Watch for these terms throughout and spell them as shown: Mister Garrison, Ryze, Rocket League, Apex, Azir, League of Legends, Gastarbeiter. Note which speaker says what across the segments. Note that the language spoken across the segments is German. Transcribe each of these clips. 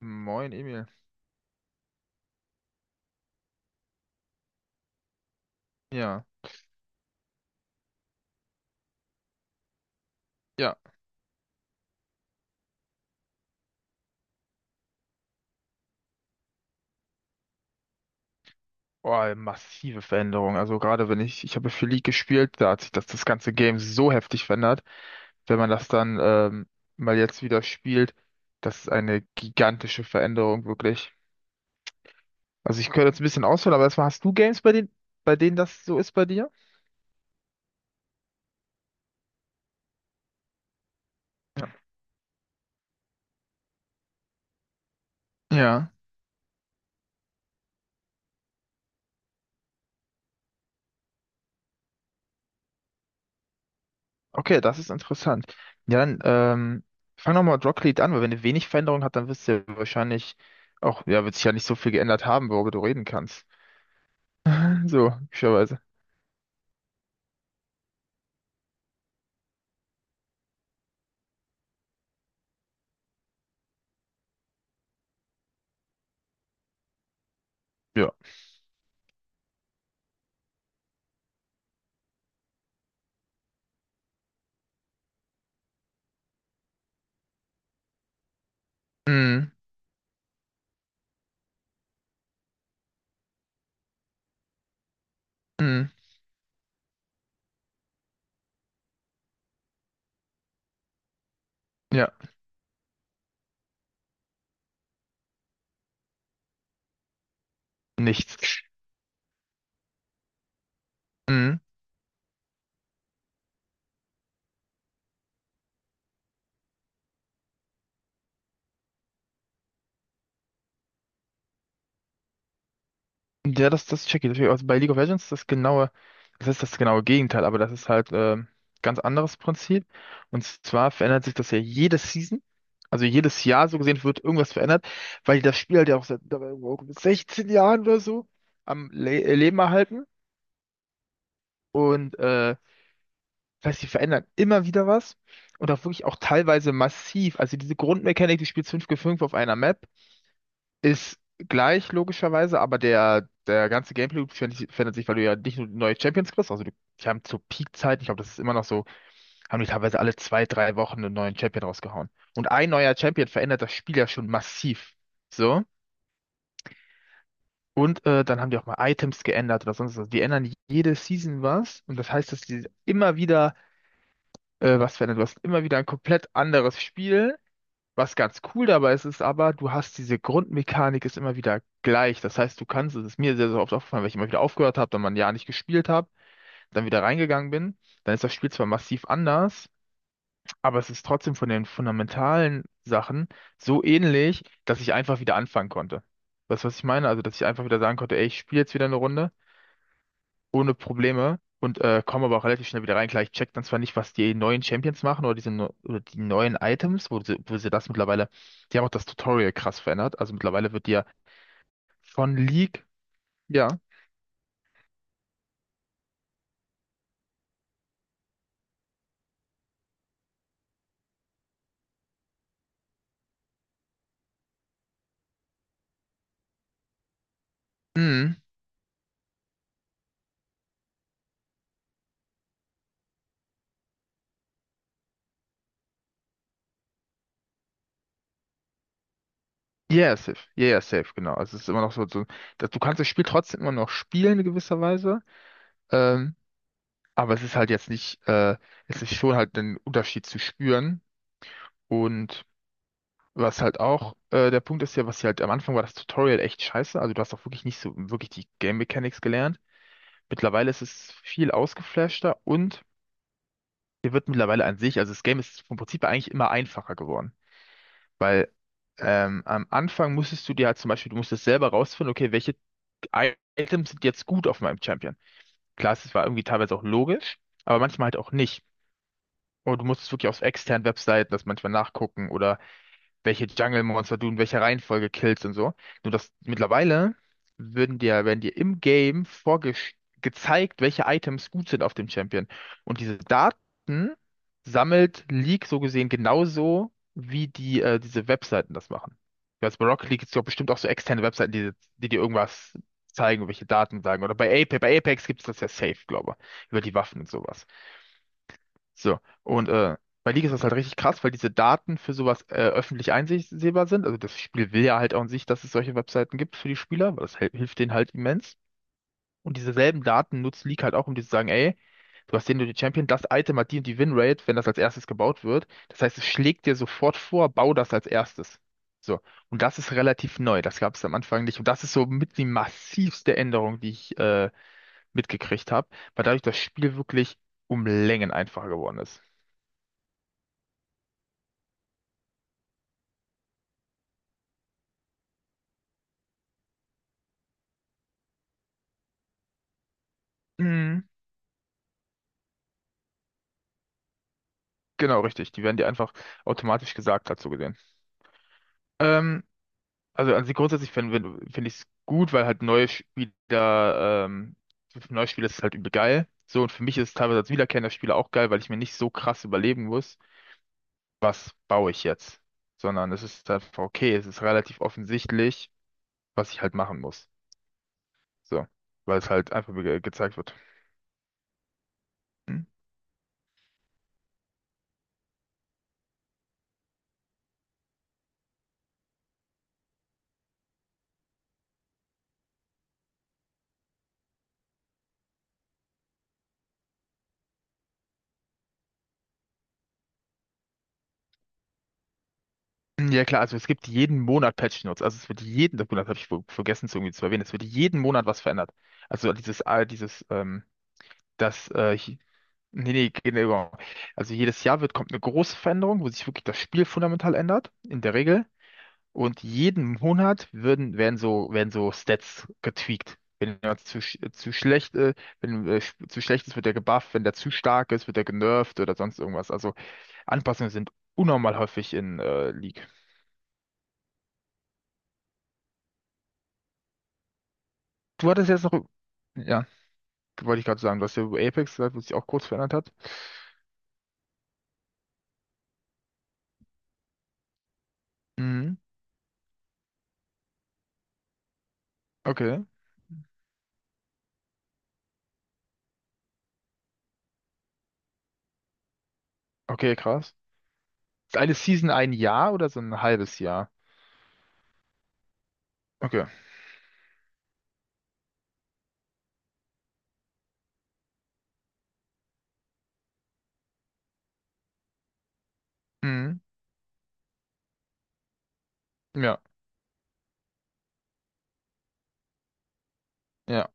Speaker 1: Moin, Emil. Ja, ja. Oh, massive Veränderung. Also gerade wenn ich habe für League gespielt, da hat sich das ganze Game so heftig verändert. Wenn man das dann mal jetzt wieder spielt, das ist eine gigantische Veränderung, wirklich. Also ich könnte jetzt ein bisschen ausholen, aber erstmal hast du Games, bei denen das so ist bei dir? Ja. Ja. Okay, das ist interessant. Ja, dann fang nochmal mit Rocket League an, weil wenn du wenig Veränderung hat, dann wirst du ja wahrscheinlich auch, ja, wird sich ja nicht so viel geändert haben, worüber du reden kannst. So. Ja. Mhm. Mhm. Ja. Nichts. Mhm. Ja, das check ich. Deswegen, also bei League of Legends ist das ist das genaue Gegenteil, aber das ist halt ganz anderes Prinzip. Und zwar verändert sich das ja jede Season. Also jedes Jahr so gesehen wird irgendwas verändert, weil die das Spiel halt ja auch seit dabei auch mit 16 Jahren oder so am Le Leben erhalten. Und das heißt, die verändern immer wieder was. Und auch wirklich auch teilweise massiv. Also diese Grundmechanik, du spielst 5 gegen 5 auf einer Map ist gleich logischerweise, aber der ganze Gameplay-Loop verändert sich, weil du ja nicht nur neue Champions kriegst, also du, die haben zur Peak-Zeit, ich glaube, das ist immer noch so, haben die teilweise alle zwei, drei Wochen einen neuen Champion rausgehauen. Und ein neuer Champion verändert das Spiel ja schon massiv. So. Und dann haben die auch mal Items geändert oder sonst was. Die ändern jede Season was. Und das heißt, dass die immer wieder was verändern. Du hast immer wieder ein komplett anderes Spiel. Was ganz cool dabei ist, ist aber, du hast diese Grundmechanik ist immer wieder gleich. Das heißt, du kannst, es ist mir sehr, sehr oft aufgefallen, weil ich immer wieder aufgehört habe, dann mal ein Jahr nicht gespielt habe, dann wieder reingegangen bin, dann ist das Spiel zwar massiv anders, aber es ist trotzdem von den fundamentalen Sachen so ähnlich, dass ich einfach wieder anfangen konnte. Weißt du, was ich meine? Also, dass ich einfach wieder sagen konnte, ey, ich spiele jetzt wieder eine Runde ohne Probleme und komme aber auch relativ schnell wieder rein. Klar, ich check dann zwar nicht, was die neuen Champions machen oder oder die neuen Items, wo sie das mittlerweile, die haben auch das Tutorial krass verändert. Also mittlerweile wird die ja von League, ja. Mhm. Yeah, safe. Yeah, yeah, safe, genau. Also es ist immer noch so, so dass du kannst das Spiel trotzdem immer noch spielen in gewisser Weise. Ähm, aber es ist halt jetzt nicht, es ist schon halt ein Unterschied zu spüren. Und was halt auch der Punkt ist ja, was hier halt am Anfang war das Tutorial echt scheiße. Also du hast auch wirklich nicht so wirklich die Game Mechanics gelernt. Mittlerweile ist es viel ausgeflashter und dir wird mittlerweile an sich, also das Game ist vom Prinzip her eigentlich immer einfacher geworden. Weil am Anfang musstest du dir halt zum Beispiel, du musstest selber rausfinden, okay, welche Items sind jetzt gut auf meinem Champion. Klar, es war irgendwie teilweise auch logisch, aber manchmal halt auch nicht. Und du musstest wirklich auf externen Webseiten das manchmal nachgucken oder welche Jungle-Monster du in welcher Reihenfolge killst und so. Nur dass mittlerweile werden dir im Game gezeigt, welche Items gut sind auf dem Champion. Und diese Daten sammelt League so gesehen genauso, wie die, diese Webseiten das machen. Jetzt bei Rocket League gibt es ja bestimmt auch so externe Webseiten, die dir irgendwas zeigen, welche Daten sagen. Oder bei Apex gibt es das ja safe, glaube ich, über die Waffen und sowas. So, und bei League ist das halt richtig krass, weil diese Daten für sowas öffentlich einsehbar sind. Also das Spiel will ja halt auch an sich, dass es solche Webseiten gibt für die Spieler, weil das hilft denen halt immens. Und diese selben Daten nutzt League halt auch, um dir zu sagen, ey, du hast den und den Champion, das Item hat die und die Winrate, wenn das als erstes gebaut wird. Das heißt, es schlägt dir sofort vor, bau das als erstes. So, und das ist relativ neu, das gab es am Anfang nicht. Und das ist so mit die massivste Änderung, die ich mitgekriegt habe, weil dadurch das Spiel wirklich um Längen einfacher geworden ist. Mhm. Genau, richtig. Die werden dir einfach automatisch gesagt, dazu gesehen. Ähm, also an sich grundsätzlich find ich es gut, weil halt für neue Spieler ist es halt übel geil. So, und für mich ist es teilweise als wiederkehrender Spieler auch geil, weil ich mir nicht so krass überlegen muss, was baue ich jetzt. Sondern es ist einfach okay, es ist relativ offensichtlich, was ich halt machen muss. So, weil es halt einfach ge gezeigt wird. Hm? Ja klar, also es gibt jeden Monat Patch Notes. Also es wird Monat habe ich vergessen zu irgendwie zu erwähnen, es wird jeden Monat was verändert. Also dieses, das, hi- nee, nee, genau. Also jedes Jahr wird, kommt eine große Veränderung, wo sich wirklich das Spiel fundamental ändert, in der Regel. Und jeden Monat werden werden so Stats getweakt. Wenn jemand zu schlecht, wenn, sch- zu schlecht ist, wird er gebufft. Wenn der zu stark ist, wird er genervt oder sonst irgendwas. Also Anpassungen sind unnormal häufig in, League. Du hattest jetzt noch, ja, wollte ich gerade sagen, du hast ja über Apex gesagt, was sich auch kurz verändert hat. Mhm. Okay. Okay, krass. Ist eine Season ein Jahr oder so ein halbes Jahr? Okay. Mhm. Ja, ja.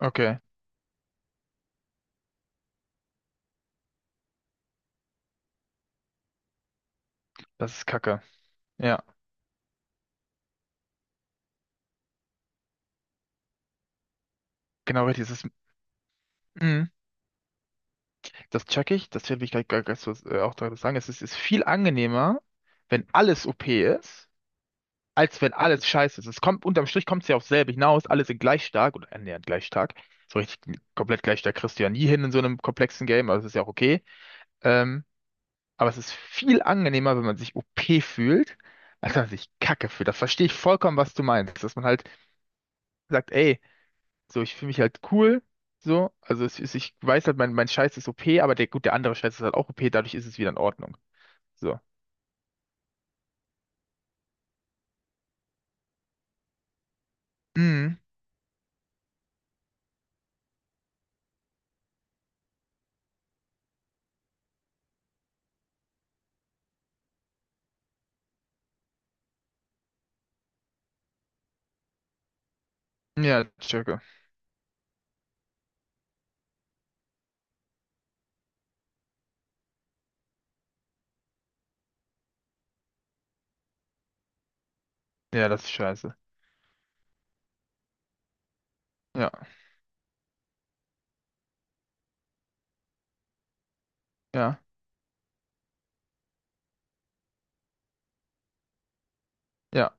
Speaker 1: Okay. Das ist Kacke. Ja, genau richtig. Das ist, mhm. Das check ich. Das werde ich gleich so, auch dazu sagen. Es ist, ist viel angenehmer, wenn alles OP ist, als wenn alles scheiße ist. Es kommt, unterm Strich kommt es ja aufs selbe hinaus, alle sind gleich stark oder annähernd gleich stark. So richtig komplett gleich stark kriegst du ja nie hin in so einem komplexen Game, aber das ist ja auch okay. Ähm, aber es ist viel angenehmer, wenn man sich OP fühlt, als wenn man sich Kacke fühlt. Das verstehe ich vollkommen, was du meinst. Dass man halt sagt, ey, so, ich fühle mich halt cool. So, also es ist, ich weiß halt, mein Scheiß ist OP, aber der, gut, der andere Scheiß ist halt auch OP, dadurch ist es wieder in Ordnung. So. Mhm. Ja, checke. Ja, das ist scheiße. Ja, ja, ja.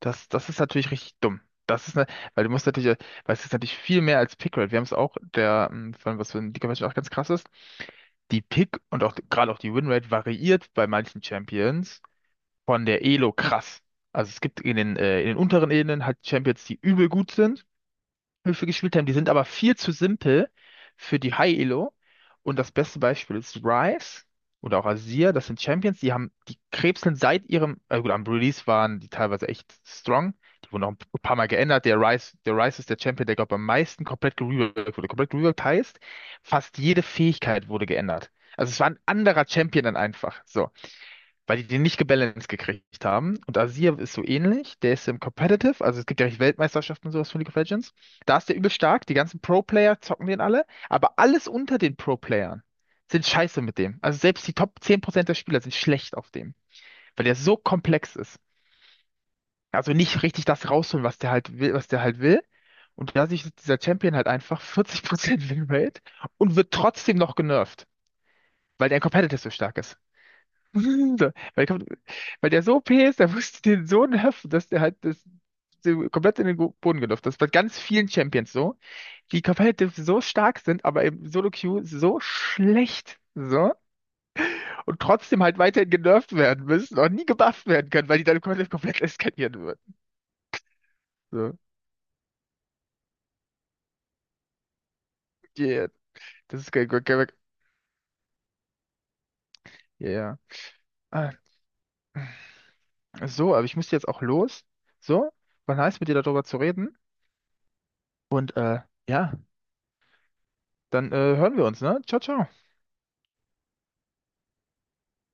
Speaker 1: Das ist natürlich richtig dumm. Das ist ne, weil du musst natürlich, weil es ist natürlich viel mehr als Pickrate. Wir haben es auch, von was für ein Liga auch ganz krass ist, die Pick und auch gerade auch die Winrate variiert bei manchen Champions von der Elo krass. Also es gibt in den unteren Ebenen halt Champions, die übel gut sind. Höfe gespielt haben. Die sind aber viel zu simpel für die High-Elo. Und das beste Beispiel ist Ryze oder auch Azir. Das sind Champions, die haben, die krebseln seit ihrem, gut, am Release waren die teilweise echt strong. Die wurden auch ein paar Mal geändert. Der Ryze ist der Champion, der, glaube ich am meisten komplett gereworkt wurde. Komplett gereworkt heißt, fast jede Fähigkeit wurde geändert. Also es war ein anderer Champion dann einfach. So, weil die den nicht gebalanced gekriegt haben. Und Azir ist so ähnlich, der ist im Competitive, also es gibt ja richtig Weltmeisterschaften und sowas von League of Legends. Da ist der übel stark, die ganzen Pro-Player zocken den alle, aber alles unter den Pro-Playern sind scheiße mit dem. Also selbst die Top 10% der Spieler sind schlecht auf dem, weil der so komplex ist. Also nicht richtig das rausholen, was der halt will, was der halt will. Und da sich dieser Champion halt einfach 40% Winrate und wird trotzdem noch genervt, weil der im Competitive so stark ist. So, weil, kommt, weil der so OP ist, der musste den so nerven, dass der halt das, so komplett in den Boden gelaufen ist. Das ist bei ganz vielen Champions so, die competitive so stark sind, aber im Solo-Queue so schlecht. So. Und trotzdem halt weiterhin genervt werden müssen und nie gebufft werden können, weil die dann komplett eskalieren würden. So. Yeah. Das ist ja, ja. Ah, so, aber ich muss jetzt auch los. So, war nice mit dir darüber zu reden. Und ja, dann hören wir uns, ne? Ciao, ciao.